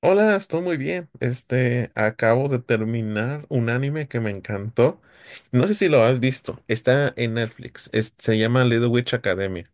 Hola, estoy muy bien. Acabo de terminar un anime que me encantó. No sé si lo has visto. Está en Netflix. Se llama Little Witch Academia.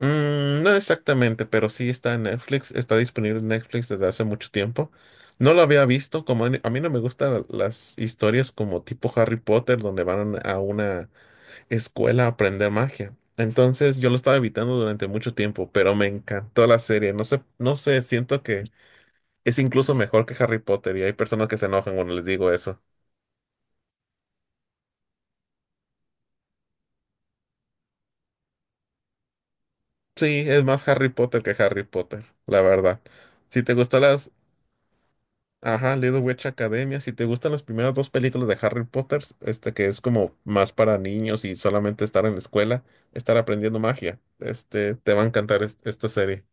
No exactamente, pero sí está en Netflix. Está disponible en Netflix desde hace mucho tiempo. No lo había visto. Como a mí no me gustan las historias como tipo Harry Potter, donde van a una escuela a aprender magia. Entonces yo lo estaba evitando durante mucho tiempo, pero me encantó la serie. No sé, siento que es incluso mejor que Harry Potter, y hay personas que se enojan cuando les digo eso. Sí, es más Harry Potter que Harry Potter, la verdad. Si te gustan las, ajá, Little Witch Academia, si te gustan las primeras dos películas de Harry Potter, que es como más para niños y solamente estar en la escuela, estar aprendiendo magia, te va a encantar esta serie.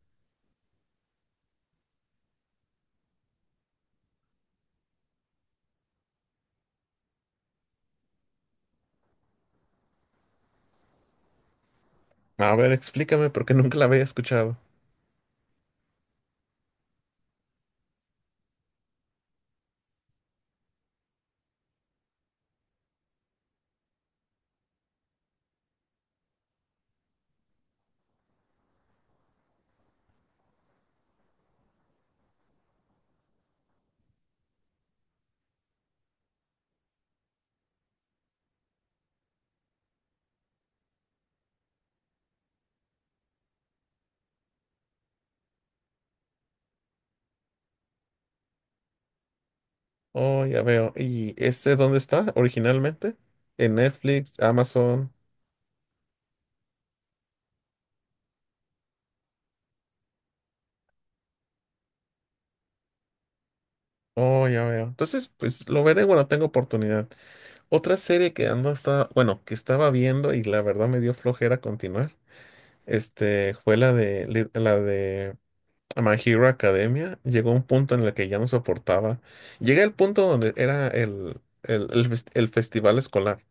A ver, explícame porque nunca la había escuchado. Oh, ya veo. ¿Y este dónde está originalmente? ¿En Netflix, Amazon? Oh, ya veo. Entonces, pues lo veré cuando tenga oportunidad. Otra serie que estaba viendo y la verdad me dio flojera continuar, fue la la de My Hero Academia. Llegó un punto en el que ya no soportaba. Llegué al punto donde era el festival escolar.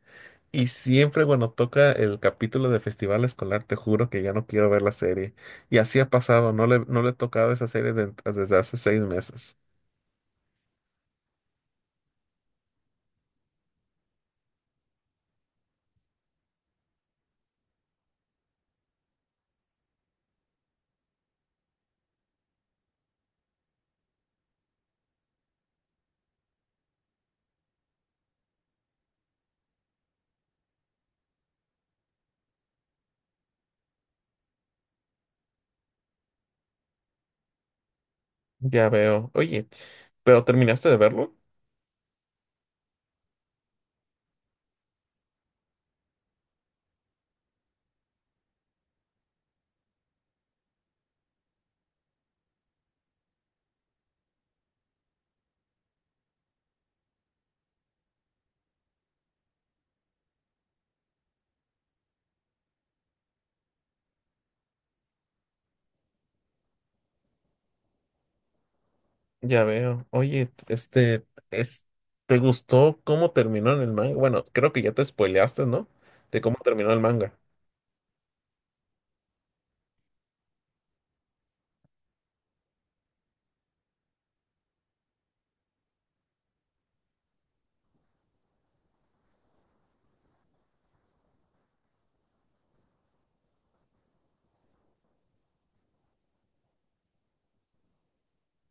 Y siempre cuando toca el capítulo de festival escolar, te juro que ya no quiero ver la serie. Y así ha pasado, no le he tocado esa serie desde hace 6 meses. Ya veo. Oye, ¿pero terminaste de verlo? Ya veo. Es, ¿Te gustó cómo terminó en el manga? Bueno, creo que ya te spoileaste, ¿no? De cómo terminó el manga.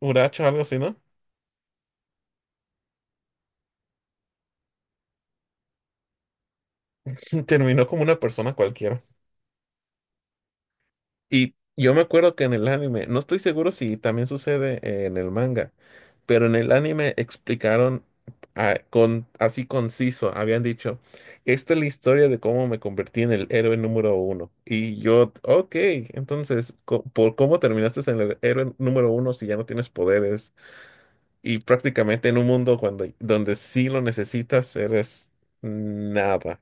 Uracho, algo así, ¿no? Terminó como una persona cualquiera. Y yo me acuerdo que en el anime, no estoy seguro si también sucede en el manga, pero en el anime explicaron, con, así conciso, habían dicho, esta es la historia de cómo me convertí en el héroe número 1. Y yo, ok, entonces, ¿por cómo terminaste en el héroe número 1 si ya no tienes poderes? Y prácticamente en un mundo donde sí lo necesitas, eres nada.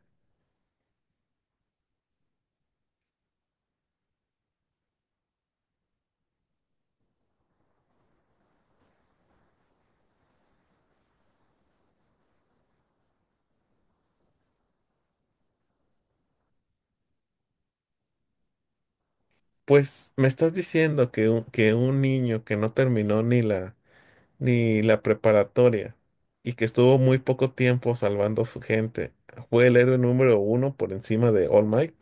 Pues me estás diciendo que un niño que no terminó ni la preparatoria, y que estuvo muy poco tiempo salvando gente, fue el héroe número 1 por encima de All Might.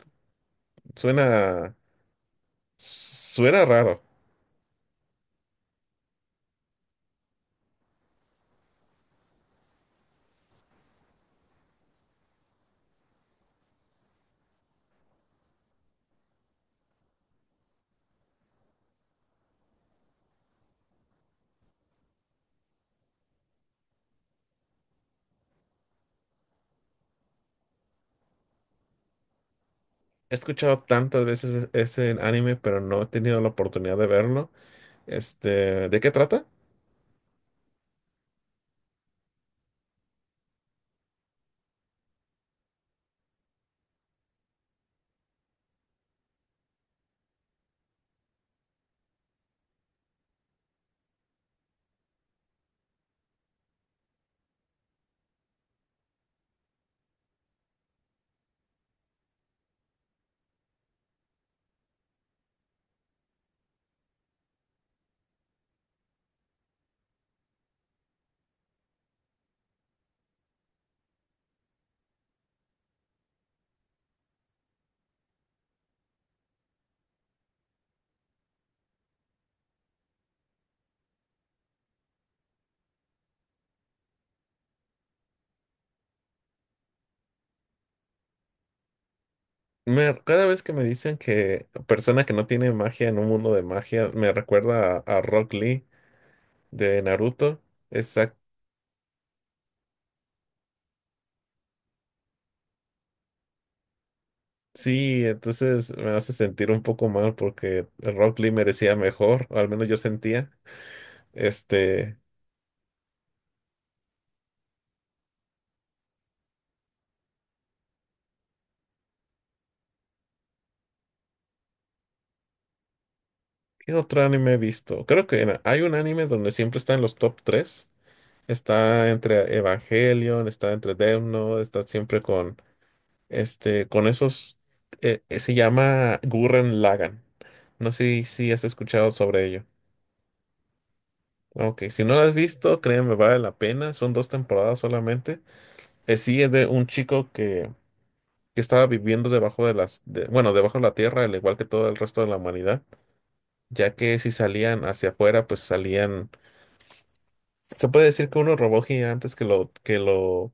Suena, Suena raro. He escuchado tantas veces ese anime, pero no he tenido la oportunidad de verlo. Este, ¿de qué trata? Me- cada vez que me dicen que persona que no tiene magia en un mundo de magia, me recuerda a Rock Lee de Naruto. Exacto. Sí, entonces me hace sentir un poco mal porque Rock Lee merecía mejor, o al menos yo sentía. Este, ¿qué otro anime he visto? Creo que hay un anime donde siempre está en los top 3. Está entre Evangelion, está entre Death Note, está siempre. Este, con esos, Se llama Gurren Lagann. No sé si has escuchado sobre ello. Ok, si no lo has visto, créeme, vale la pena. Son dos temporadas solamente. Sí, es de un chico que estaba viviendo debajo de bueno, debajo de la tierra, al igual que todo el resto de la humanidad, ya que si salían hacia afuera, pues salían, se puede decir que unos robots gigantes que lo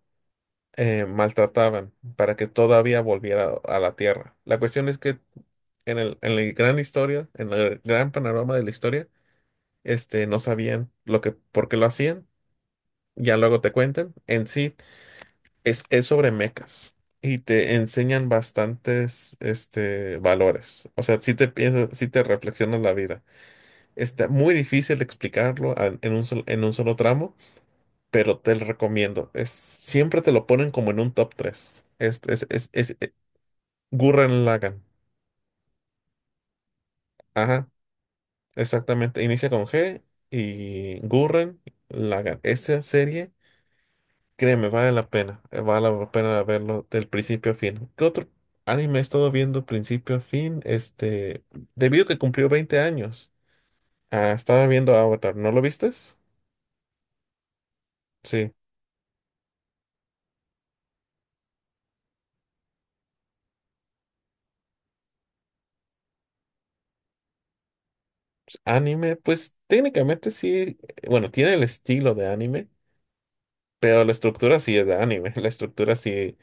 maltrataban para que todavía volviera a la Tierra. La cuestión es que en la gran historia, en el gran panorama de la historia, no sabían lo que, por qué lo hacían. Ya luego te cuentan. En sí, es sobre mecas y te enseñan bastantes, este, valores. O sea, si te piensas, si te reflexionas la vida. Está muy difícil de explicarlo en un solo tramo, pero te lo recomiendo. Es, siempre te lo ponen como en un top 3. Gurren Lagann. Ajá, exactamente. Inicia con G, y Gurren Lagann. Esa serie, créeme, vale la pena. Vale la pena verlo del principio a fin. ¿Qué otro anime he estado viendo principio a fin? Este, debido a que cumplió 20 años. Ah, estaba viendo Avatar. ¿No lo vistes? Sí. Anime, pues técnicamente sí. Bueno, tiene el estilo de anime, pero la estructura sí es de anime. La estructura sí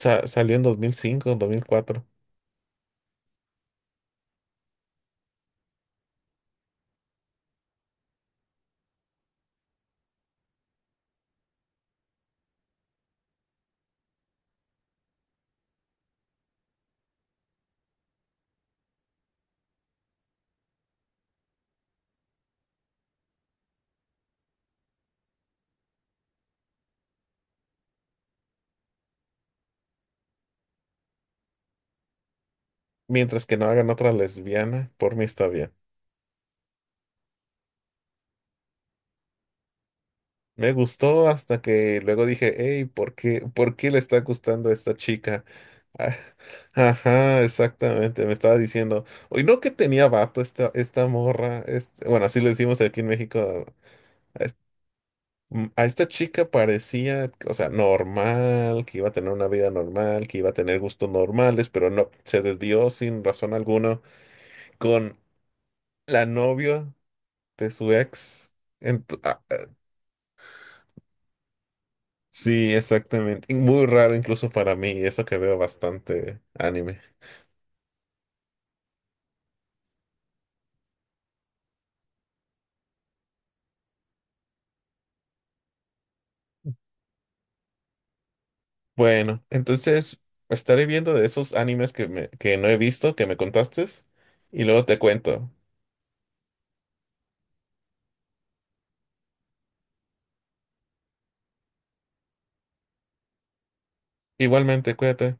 salió en 2005, 2004. Mientras que no hagan otra lesbiana, por mí está bien. Me gustó hasta que luego dije, hey, ¿por qué le está gustando a esta chica? Ah, ajá, exactamente. Me estaba diciendo, oye, no que tenía vato esta morra. Este-" bueno, así le decimos aquí en México. Es- a esta chica parecía, o sea, normal, que iba a tener una vida normal, que iba a tener gustos normales, pero no, se desvió sin razón alguna con la novia de su ex. Ent- ah, sí, exactamente. Muy raro incluso para mí, y eso que veo bastante anime. Bueno, entonces estaré viendo de esos animes que no he visto, que me contaste, y luego te cuento. Igualmente, cuídate.